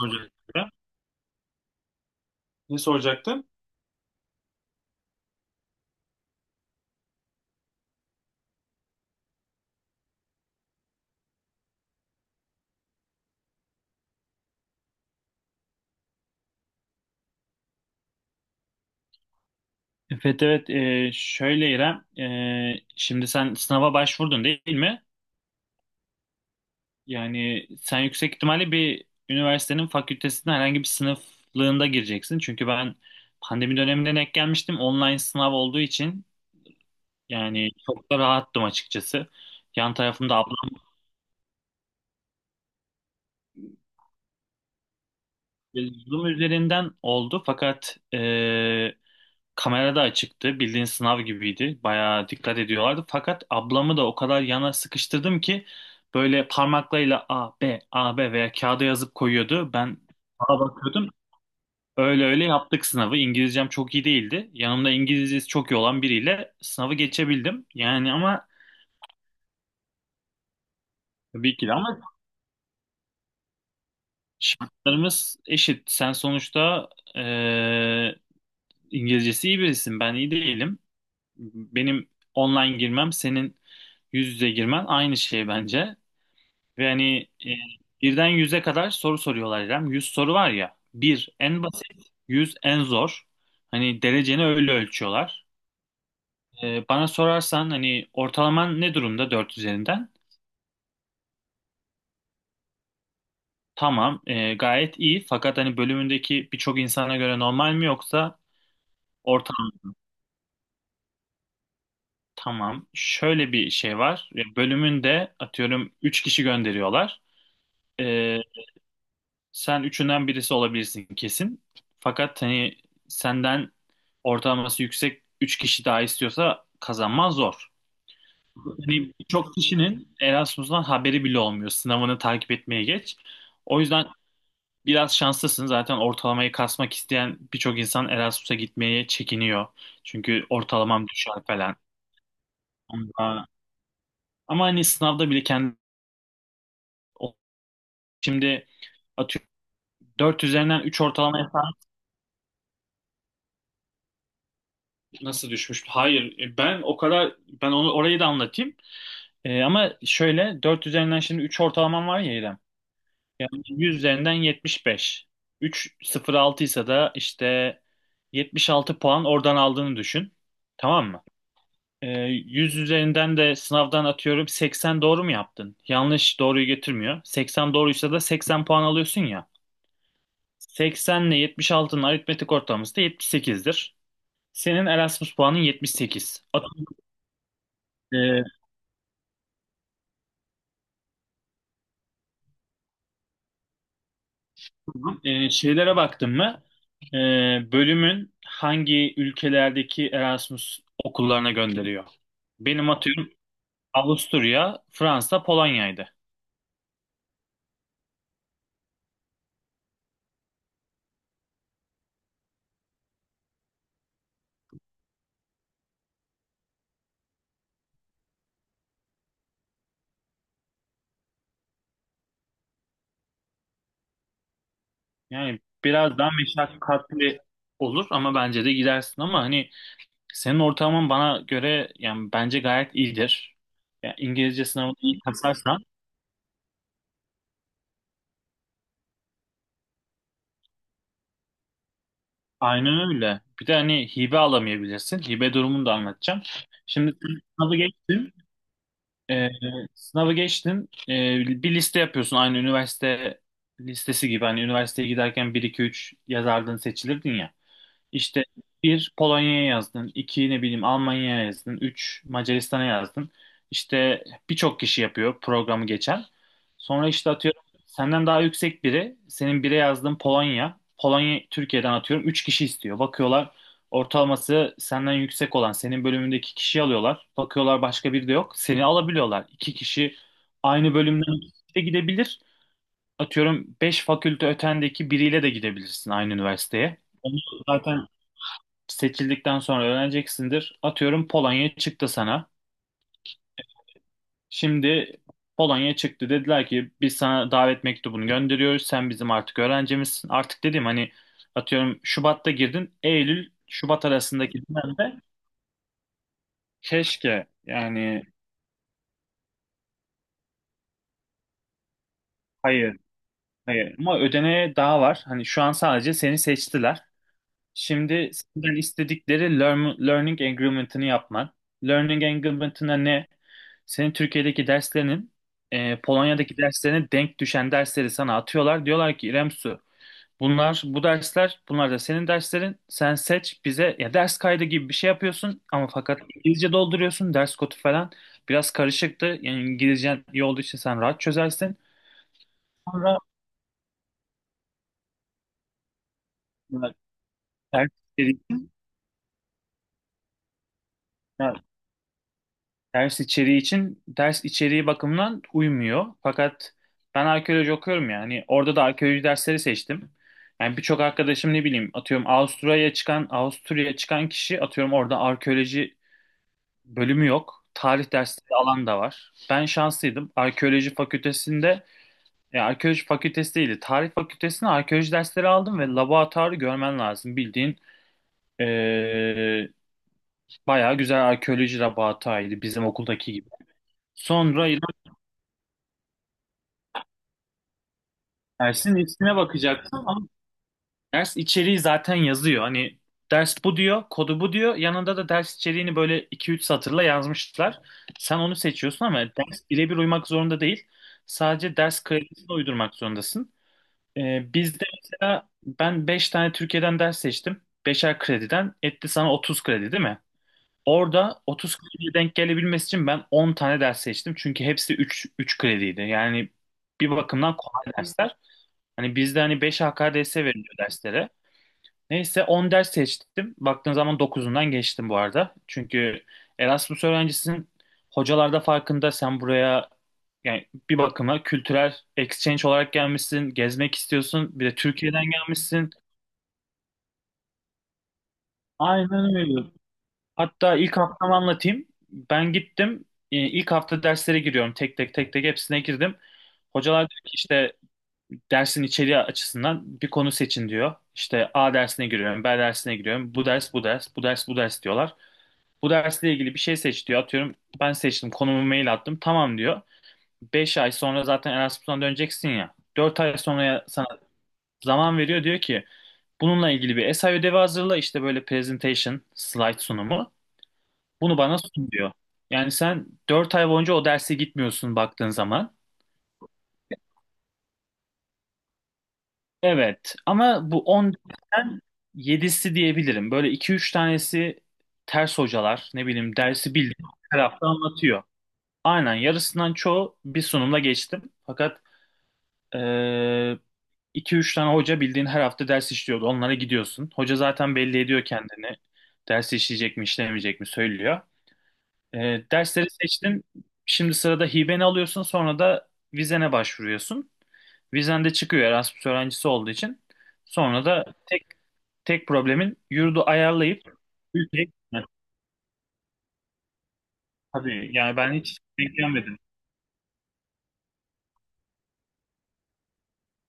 Soracaktım. Ne soracaktın? Evet, evet. Şöyle İrem, şimdi sen sınava başvurdun, değil mi? Yani sen yüksek ihtimalle bir üniversitenin fakültesine, herhangi bir sınıflığında gireceksin. Çünkü ben pandemi döneminde denk gelmiştim, online sınav olduğu için yani çok da rahattım açıkçası. Yan tarafımda ablam, Zoom üzerinden oldu fakat kamerada açıktı. Bildiğin sınav gibiydi. Bayağı dikkat ediyorlardı. Fakat ablamı da o kadar yana sıkıştırdım ki böyle parmaklarıyla A, B, A, B veya kağıda yazıp koyuyordu. Ben sağa bakıyordum. Öyle öyle yaptık sınavı. İngilizcem çok iyi değildi. Yanımda İngilizcesi çok iyi olan biriyle sınavı geçebildim. Yani ama tabii ki de, ama şartlarımız eşit. Sen sonuçta, eee, İngilizcesi iyi birisin. Ben iyi değilim. Benim online girmem, senin yüz yüze girmen aynı şey bence. Ve hani, e, birden yüze kadar soru soruyorlar, İrem. 100 soru var ya. Bir en basit, yüz en zor. Hani dereceni öyle ölçüyorlar. Bana sorarsan hani, ortalaman ne durumda 4 üzerinden? Tamam, gayet iyi. Fakat hani bölümündeki birçok insana göre normal mi, yoksa ortalama? Tamam. Şöyle bir şey var. Bölümünde, atıyorum, 3 kişi gönderiyorlar. E, Sen üçünden birisi olabilirsin kesin. Fakat hani senden ortalaması yüksek 3 kişi daha istiyorsa, kazanman zor. Hani çok kişinin Erasmus'tan haberi bile olmuyor. Sınavını takip etmeye geç. O yüzden biraz şanslısın. Zaten ortalamayı kasmak isteyen birçok insan Erasmus'a gitmeye çekiniyor. Çünkü ortalamam düşer falan. Ama, ama hani sınavda bile kendi, şimdi, atıyorum, 4 üzerinden 3 ortalama. Nasıl düşmüş? Hayır. Ben o kadar, ben onu orayı da anlatayım. Ama şöyle 4 üzerinden, şimdi, 3 ortalamam var ya, İrem. Yani 100 üzerinden 75. 3.06 ise da işte 76 puan oradan aldığını düşün. Tamam mı? E, 100 üzerinden de sınavdan, atıyorum, 80 doğru mu yaptın? Yanlış doğruyu getirmiyor. 80 doğruysa da 80 puan alıyorsun ya. 80 ile 76'nın aritmetik ortalaması da 78'dir. Senin Erasmus puanın 78. Tamam. Şeylere baktın mı? Bölümün hangi ülkelerdeki Erasmus okullarına gönderiyor? Benim, atıyorum, Avusturya, Fransa, Polonya'ydı. Yani biraz daha meşakkatli olur ama bence de gidersin ama hani, senin ortalaman bana göre, yani bence gayet iyidir. Yani İngilizce sınavını iyi kasarsan, aynen öyle. Bir de hani hibe alamayabilirsin. Hibe durumunu da anlatacağım. Şimdi sınavı geçtim. Ee, Sınavı geçtin. Bir liste yapıyorsun, aynı üniversite listesi gibi. Hani üniversiteye giderken bir, iki, 3 yazardın, seçilirdin ya. İşte bir Polonya'ya yazdın, iki, ne bileyim, Almanya'ya yazdın, üç Macaristan'a yazdın. İşte birçok kişi yapıyor programı geçen. Sonra işte, atıyorum, senden daha yüksek biri, senin bire yazdığın Polonya, Polonya Türkiye'den atıyorum üç kişi istiyor. Bakıyorlar, ortalaması senden yüksek olan, senin bölümündeki kişiyi alıyorlar. Bakıyorlar, başka biri de yok, seni alabiliyorlar. İki kişi, aynı bölümden ikisi de gidebilir. Atıyorum, beş fakülte ötendeki biriyle de gidebilirsin aynı üniversiteye. Onu zaten seçildikten sonra öğreneceksindir. Atıyorum, Polonya çıktı sana. Şimdi Polonya çıktı, dediler ki biz sana davet mektubunu gönderiyoruz. Sen bizim artık öğrencimizsin. Artık dediğim, hani, atıyorum, Şubat'ta girdin. Eylül Şubat arasındaki dönemde, keşke yani. Hayır, hayır, ama ödeneğe daha var. Hani şu an sadece seni seçtiler. Şimdi senden istedikleri learning agreement'ını yapman. Learning agreement'ına ne? Senin Türkiye'deki derslerinin, Polonya'daki derslerine denk düşen dersleri sana atıyorlar. Diyorlar ki İrem Su, bunlar bu dersler, bunlar da senin derslerin. Sen seç bize, ya ders kaydı gibi bir şey yapıyorsun ama fakat İngilizce dolduruyorsun, ders kodu falan. Biraz karışıktı. Yani İngilizcen iyi olduğu için sen rahat çözersin. Sonra e, ders Ders içeriği için, ders içeriği bakımından uymuyor. Fakat ben arkeoloji okuyorum yani. Orada da arkeoloji dersleri seçtim. Yani birçok arkadaşım, ne bileyim, atıyorum, Avusturya'ya çıkan kişi, atıyorum, orada arkeoloji bölümü yok. Tarih dersleri alan da var. Ben şanslıydım. Arkeoloji fakültesinde, yani arkeoloji fakültesi değildi. Tarih fakültesinde arkeoloji dersleri aldım ve laboratuvarı görmen lazım. Bildiğin, ee, bayağı güzel arkeoloji laboratuvarıydı, bizim okuldaki gibi. Sonra dersin ismine bakacaksın ama ders içeriği zaten yazıyor. Hani ders bu diyor, kodu bu diyor. Yanında da ders içeriğini böyle iki üç satırla yazmışlar. Sen onu seçiyorsun ama ders birebir uymak zorunda değil. Sadece ders kredisini uydurmak zorundasın. Bizde mesela ben 5 tane Türkiye'den ders seçtim. Beşer krediden etti sana 30 kredi, değil mi? Orada 30 krediye denk gelebilmesi için ben 10 tane ders seçtim. Çünkü hepsi 3 3 krediydi. Yani bir bakımdan kolay dersler. Hani bizde hani 5 HKDS veriliyor derslere. Neyse 10 ders seçtim. Baktığın zaman dokuzundan geçtim bu arada. Çünkü Erasmus öğrencisinin hocalarda farkında, sen buraya, yani bir bakıma kültürel exchange olarak gelmişsin, gezmek istiyorsun, bir de Türkiye'den gelmişsin. Aynen öyle. Hatta ilk haftamı anlatayım. Ben gittim. İlk hafta derslere giriyorum. Tek tek tek tek hepsine girdim. Hocalar diyor ki işte, dersin içeriği açısından bir konu seçin diyor. İşte A dersine giriyorum, B dersine giriyorum. Bu ders, bu ders, bu ders, bu ders diyorlar. Bu dersle ilgili bir şey seç diyor. Atıyorum, ben seçtim, konumu mail attım. Tamam diyor. 5 ay sonra zaten Erasmus'tan döneceksin ya. 4 ay sonra sana zaman veriyor. Diyor ki bununla ilgili bir essay ödevi hazırla. İşte böyle presentation, slide sunumu. Bunu bana sun diyor. Yani sen 4 ay boyunca o derse gitmiyorsun, baktığın zaman. Evet, ama bu 14'ten yedisi diyebilirim. Böyle iki üç tanesi ters hocalar, ne bileyim, dersi bildiğin tarafta anlatıyor. Aynen, yarısından çoğu bir sunumla geçtim. Fakat eee 2-3 tane hoca bildiğin her hafta ders işliyordu. Onlara gidiyorsun. Hoca zaten belli ediyor kendini. Ders işleyecek mi, işlemeyecek mi söylüyor. Dersleri seçtin. Şimdi sırada hibeni alıyorsun, sonra da vizene başvuruyorsun. Vizen de çıkıyor Erasmus öğrencisi olduğu için. Sonra da tek tek problemin yurdu ayarlayıp ülkeye gitmek. Tabii yani, ben hiç denk gelmedim.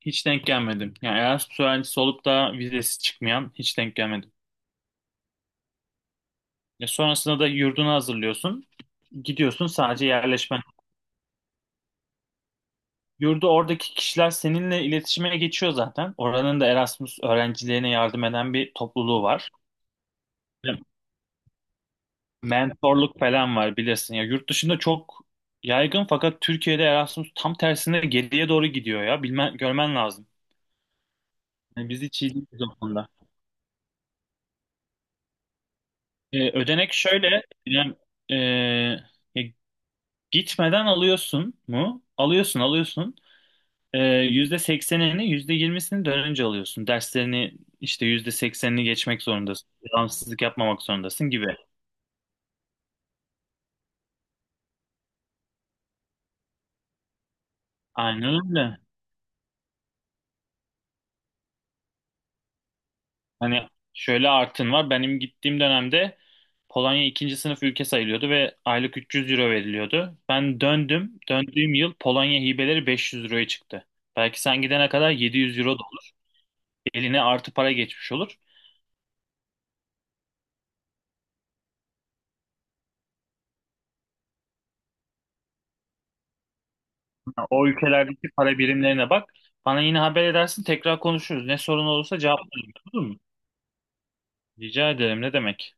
Hiç denk gelmedim. Yani Erasmus öğrencisi olup da vizesi çıkmayan hiç denk gelmedim. Ya sonrasında da yurdunu hazırlıyorsun. Gidiyorsun, sadece yerleşmen. Yurdu oradaki kişiler seninle iletişime geçiyor zaten. Oranın da Erasmus öğrencilerine yardım eden bir topluluğu var. Mentorluk falan var bilirsin. Ya yurt dışında çok yaygın fakat Türkiye'de Erasmus tam tersine geriye doğru gidiyor ya. Bilmen, görmen lazım. Yani biz hiç iyi değiliz o konuda. Ödenek şöyle. Yani, e, ya gitmeden alıyorsun mu? Alıyorsun, alıyorsun. %80'ini, %20'sini dönünce alıyorsun. Derslerini işte %80'ini geçmek zorundasın. Devamsızlık yapmamak zorundasın gibi. Aynen öyle. Hani şöyle artın var. Benim gittiğim dönemde Polonya ikinci sınıf ülke sayılıyordu ve aylık 300 euro veriliyordu. Ben döndüm. Döndüğüm yıl Polonya hibeleri 500 euroya çıktı. Belki sen gidene kadar 700 euro da olur. Eline artı para geçmiş olur. Yani o ülkelerdeki para birimlerine bak. Bana yine haber edersin. Tekrar konuşuruz. Ne sorun olursa cevaplarım. Olur mu? Rica ederim. Ne demek?